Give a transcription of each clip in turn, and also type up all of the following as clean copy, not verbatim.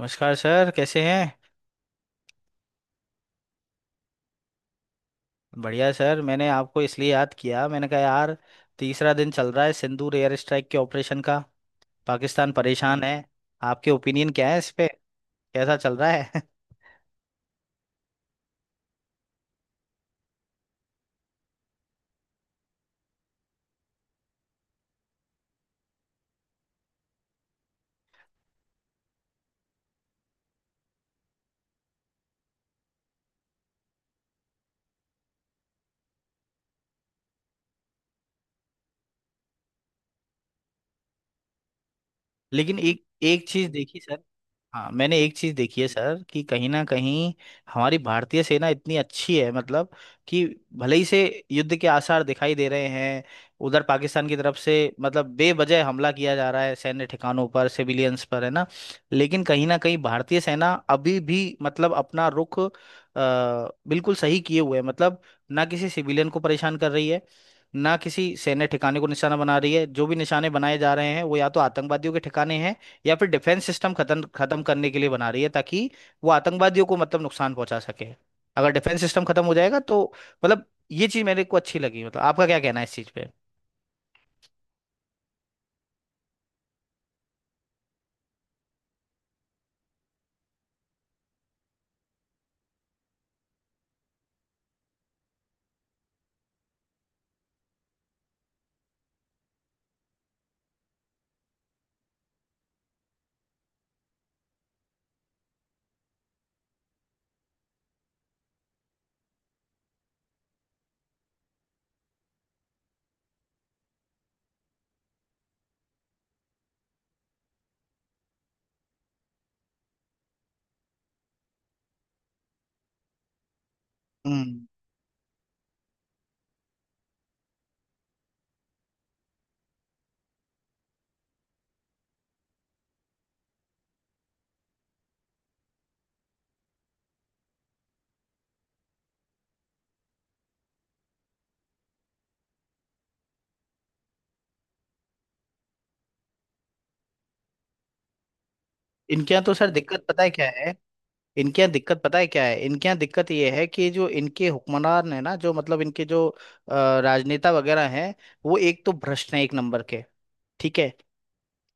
नमस्कार सर, कैसे हैं? बढ़िया सर। मैंने आपको इसलिए याद किया, मैंने कहा यार, तीसरा दिन चल रहा है सिंदूर एयर स्ट्राइक के ऑपरेशन का, पाकिस्तान परेशान है। आपके ओपिनियन क्या है इस पे? कैसा चल रहा है? लेकिन एक एक चीज देखी सर। हाँ, मैंने एक चीज देखी है सर, कि कहीं ना कहीं हमारी भारतीय सेना इतनी अच्छी है, मतलब कि भले ही से युद्ध के आसार दिखाई दे रहे हैं उधर पाकिस्तान की तरफ से, मतलब बेवजह हमला किया जा रहा है, सैन्य ठिकानों पर, सिविलियंस पर, है ना। लेकिन कहीं ना कहीं भारतीय सेना अभी भी मतलब अपना रुख बिल्कुल सही किए हुए है, मतलब ना किसी सिविलियन को परेशान कर रही है, ना किसी सैन्य ठिकाने को निशाना बना रही है। जो भी निशाने बनाए जा रहे हैं वो या तो आतंकवादियों के ठिकाने हैं, या फिर डिफेंस सिस्टम खत्म खत्म करने के लिए बना रही है, ताकि वो आतंकवादियों को मतलब नुकसान पहुंचा सके। अगर डिफेंस सिस्टम खत्म हो जाएगा तो मतलब, ये चीज मेरे को अच्छी लगी। मतलब आपका क्या कहना है इस चीज पे? हम्म। इनके यहाँ तो सर दिक्कत पता है क्या है? इनके यहाँ दिक्कत पता है क्या है? इनके यहाँ दिक्कत ये है कि जो इनके हुक्मरान है ना, जो मतलब इनके जो राजनेता वगैरह हैं, वो एक तो भ्रष्ट हैं, एक नंबर के। ठीक है।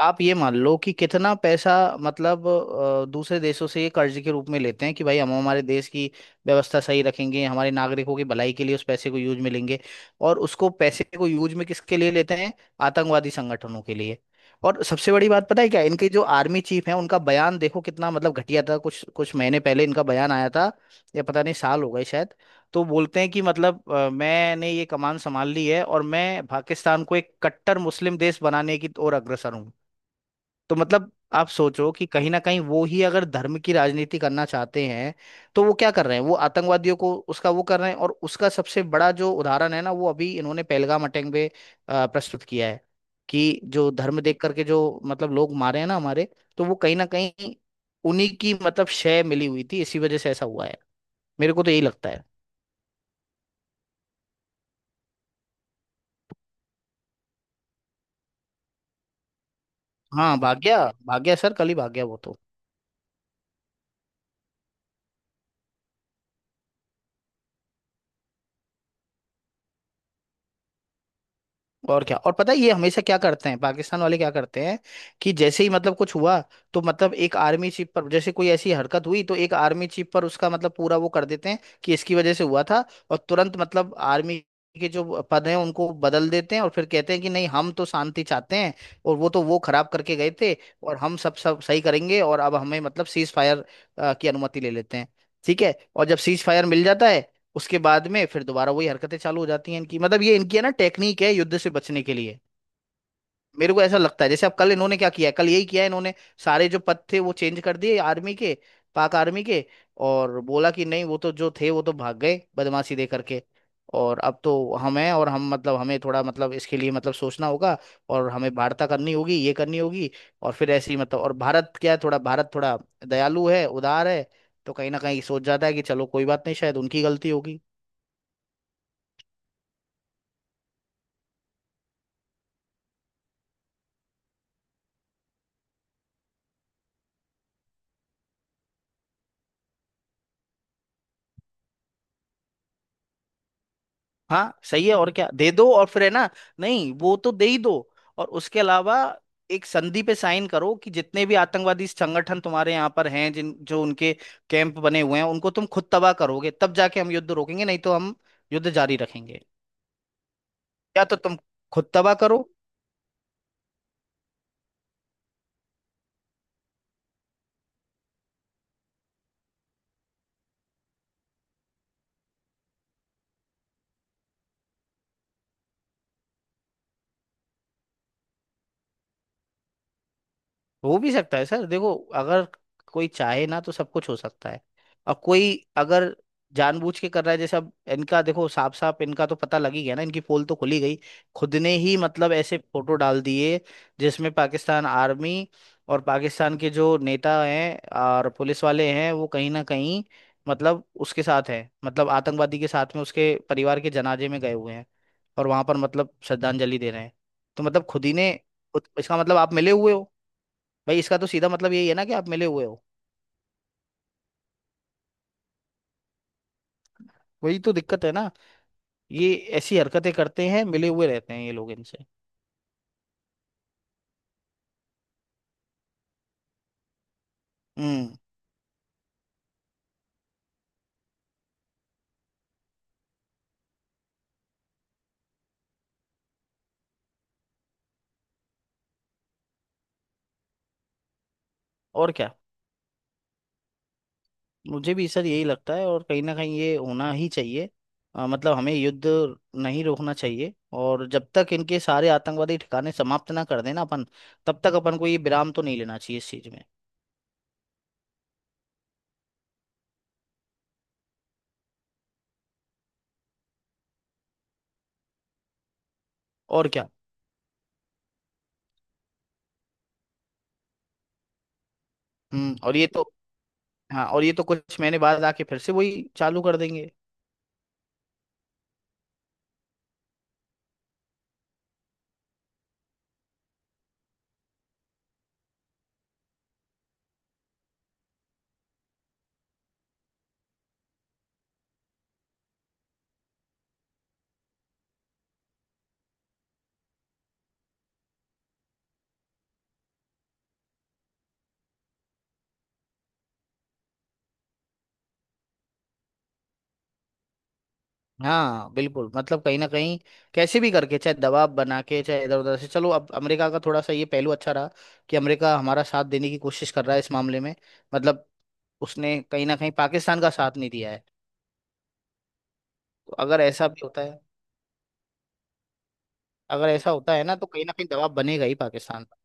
आप ये मान लो कि कितना पैसा मतलब दूसरे देशों से ये कर्ज के रूप में लेते हैं कि भाई हम हमारे देश की व्यवस्था सही रखेंगे, हमारे नागरिकों की भलाई के लिए उस पैसे को यूज में लेंगे। और उसको पैसे को यूज में किसके लिए लेते हैं? आतंकवादी संगठनों के लिए। और सबसे बड़ी बात पता है क्या, इनके जो आर्मी चीफ हैं उनका बयान देखो कितना मतलब घटिया था, कुछ कुछ महीने पहले इनका बयान आया था, या पता नहीं साल हो गए शायद। तो बोलते हैं कि मतलब मैंने ये कमान संभाल ली है और मैं पाकिस्तान को एक कट्टर मुस्लिम देश बनाने की ओर अग्रसर हूँ। तो मतलब आप सोचो कि कहीं ना कहीं वो ही अगर धर्म की राजनीति करना चाहते हैं, तो वो क्या कर रहे हैं? वो आतंकवादियों को उसका वो कर रहे हैं, और उसका सबसे बड़ा जो उदाहरण है ना, वो अभी इन्होंने पहलगाम अटैक पे प्रस्तुत किया है, कि जो धर्म देख करके जो मतलब लोग मारे हैं ना हमारे, तो वो कहीं ना कहीं उन्हीं की मतलब शय मिली हुई थी, इसी वजह से ऐसा हुआ है। मेरे को तो यही लगता है। हाँ, भाग गया सर, कल ही भाग गया वो तो। और क्या। और पता है ये हमेशा क्या करते हैं? पाकिस्तान वाले क्या करते हैं कि जैसे ही मतलब कुछ हुआ, तो मतलब एक आर्मी चीफ पर, जैसे कोई ऐसी हरकत हुई तो एक आर्मी चीफ पर उसका मतलब पूरा वो कर देते हैं कि इसकी वजह से हुआ था। और तुरंत मतलब आर्मी के जो पद हैं उनको बदल देते हैं, और फिर कहते हैं कि नहीं, हम तो शांति चाहते हैं, और वो तो वो खराब करके गए थे, और हम सब सब सही करेंगे, और अब हमें मतलब सीज फायर की अनुमति ले लेते हैं। ठीक है, और जब सीज फायर मिल जाता है उसके बाद में फिर दोबारा वही हरकतें चालू हो जाती हैं इनकी। मतलब ये इनकी है ना टेक्निक है युद्ध से बचने के लिए। मेरे को ऐसा लगता है, जैसे अब कल इन्होंने क्या किया है, कल यही किया है इन्होंने। सारे जो पद थे वो चेंज कर दिए आर्मी के, पाक आर्मी के, और बोला कि नहीं, वो तो जो थे वो तो भाग गए बदमाशी दे करके। और अब तो हम हैं, और हम मतलब हमें थोड़ा मतलब इसके लिए मतलब सोचना होगा, और हमें वार्ता करनी होगी, ये करनी होगी, और फिर ऐसे ही मतलब। और भारत क्या है, थोड़ा भारत थोड़ा दयालु है, उदार है। तो कहीं ना कहीं सोच जाता है कि चलो कोई बात नहीं, शायद उनकी गलती होगी। हाँ, सही है। और क्या, दे दो। और फिर है ना। नहीं, वो तो दे ही दो, और उसके अलावा एक संधि पे साइन करो कि जितने भी आतंकवादी संगठन तुम्हारे यहाँ पर हैं, जिन जो उनके कैंप बने हुए हैं उनको तुम खुद तबाह करोगे, तब जाके हम युद्ध रोकेंगे, नहीं तो हम युद्ध जारी रखेंगे। या तो तुम खुद तबाह करो। हो भी सकता है सर। देखो, अगर कोई चाहे ना तो सब कुछ हो सकता है, और कोई अगर जानबूझ के कर रहा है, जैसे अब इनका देखो, साफ साफ इनका तो पता लग ही गया ना, इनकी पोल तो खुली गई। खुद ने ही मतलब ऐसे फोटो डाल दिए, जिसमें पाकिस्तान आर्मी और पाकिस्तान के जो नेता हैं और पुलिस वाले हैं, वो कहीं ना कहीं मतलब उसके साथ हैं, मतलब आतंकवादी के साथ में उसके परिवार के जनाजे में गए हुए हैं, और वहां पर मतलब श्रद्धांजलि दे रहे हैं। तो मतलब खुद ही ने, इसका मतलब आप मिले हुए हो। भाई, इसका तो सीधा मतलब यही है ना कि आप मिले हुए हो। वही तो दिक्कत है ना। ये ऐसी हरकतें करते हैं, मिले हुए रहते हैं ये लोग इनसे। हम्म। और क्या। मुझे भी सर यही लगता है, और कहीं ना कहीं ये होना ही चाहिए। मतलब हमें युद्ध नहीं रोकना चाहिए, और जब तक इनके सारे आतंकवादी ठिकाने समाप्त ना कर देना अपन, तब तक अपन को ये विराम तो नहीं लेना चाहिए इस चीज में। और क्या। हम्म। और ये तो, हाँ, और ये तो कुछ महीने बाद आके फिर से वही चालू कर देंगे। हाँ बिल्कुल, मतलब कहीं ना कहीं कैसे भी करके चाहे दबाव बना के चाहे इधर उधर से। चलो, अब अमेरिका का थोड़ा सा ये पहलू अच्छा रहा कि अमेरिका हमारा साथ देने की कोशिश कर रहा है इस मामले में, मतलब उसने कहीं ना कहीं पाकिस्तान का साथ नहीं दिया है। तो अगर ऐसा भी होता है अगर ऐसा होता है ना, तो कहीं ना कहीं दबाव बनेगा ही पाकिस्तान पर।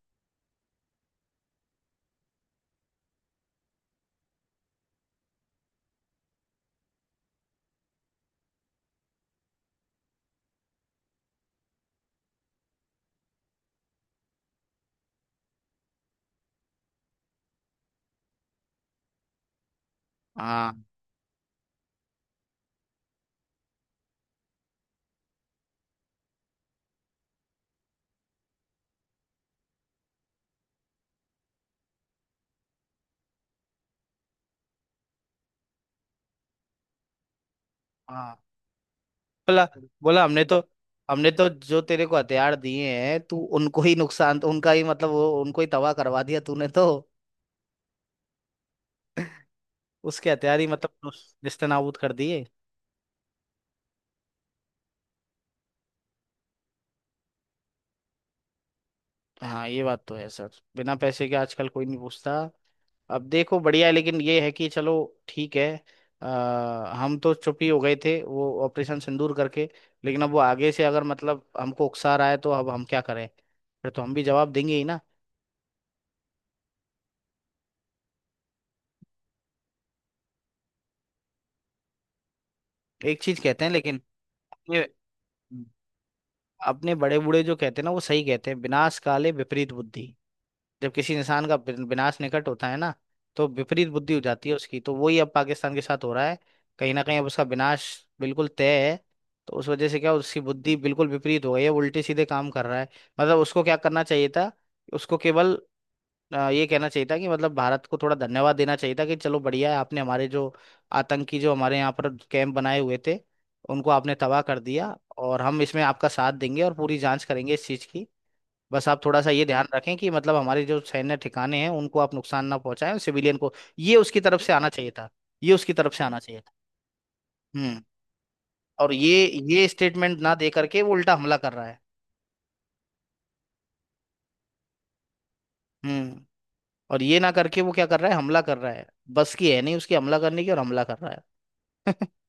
हाँ हाँ। बोला बोला हमने तो जो तेरे को हथियार दिए हैं, तू उनको ही नुकसान, उनका ही मतलब, वो उनको ही तबाह करवा दिया तूने तो। उसके हथियार ही मतलब नेस्तनाबूद कर दिए। हाँ, ये बात तो है सर। बिना पैसे के आजकल कोई नहीं पूछता। अब देखो, बढ़िया है लेकिन ये है कि चलो, ठीक है। हम तो चुप ही हो गए थे वो ऑपरेशन सिंदूर करके, लेकिन अब वो आगे से अगर मतलब हमको उकसा रहा है तो अब हम क्या करें? फिर तो हम भी जवाब देंगे ही ना। एक चीज कहते हैं लेकिन। अपने अपने बड़े बूढ़े जो कहते हैं ना वो सही कहते हैं, विनाश काले विपरीत बुद्धि। जब किसी इंसान का विनाश निकट होता है ना, तो विपरीत बुद्धि हो जाती है उसकी। तो वही अब पाकिस्तान के साथ हो रहा है। कहीं ना कहीं अब उसका विनाश बिल्कुल तय है। तो उस वजह से क्या उसकी बुद्धि बिल्कुल विपरीत हो गई है, उल्टे सीधे काम कर रहा है। मतलब उसको क्या करना चाहिए था? उसको केवल ये कहना चाहिए था कि मतलब भारत को थोड़ा धन्यवाद देना चाहिए था कि चलो बढ़िया है, आपने हमारे जो आतंकी जो हमारे यहाँ पर कैंप बनाए हुए थे उनको आपने तबाह कर दिया, और हम इसमें आपका साथ देंगे, और पूरी जांच करेंगे इस चीज़ की। बस आप थोड़ा सा ये ध्यान रखें कि मतलब हमारे जो सैन्य ठिकाने हैं उनको आप नुकसान ना पहुंचाएं, सिविलियन को। ये उसकी तरफ से आना चाहिए था। ये उसकी तरफ से आना चाहिए था। हम्म। और ये स्टेटमेंट ना दे करके वो उल्टा हमला कर रहा है। हम्म। और ये ना करके वो क्या कर रहा है? हमला कर रहा है। बस की है नहीं उसकी हमला करने की, और हमला कर रहा है।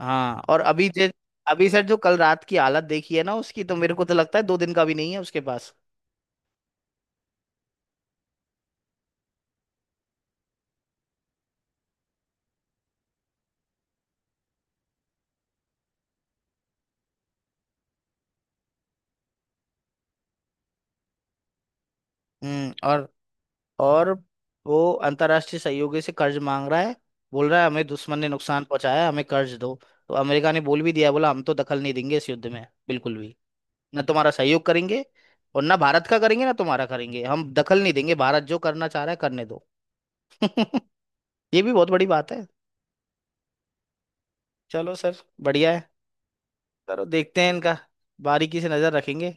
हाँ, और अभी जे अभी सर जो कल रात की हालत देखी है ना उसकी, तो मेरे को तो लगता है दो दिन का भी नहीं है उसके पास। हम्म। और वो अंतर्राष्ट्रीय सहयोगी से कर्ज मांग रहा है, बोल रहा है हमें दुश्मन ने नुकसान पहुंचाया है, हमें कर्ज दो। तो अमेरिका ने बोल भी दिया है, बोला हम तो दखल नहीं देंगे इस युद्ध में बिल्कुल भी, ना तुम्हारा सहयोग करेंगे और ना भारत का करेंगे, ना तुम्हारा करेंगे, हम दखल नहीं देंगे, भारत जो करना चाह रहा है करने दो। ये भी बहुत बड़ी बात है। चलो सर, बढ़िया है। चलो देखते हैं इनका, बारीकी से नजर रखेंगे।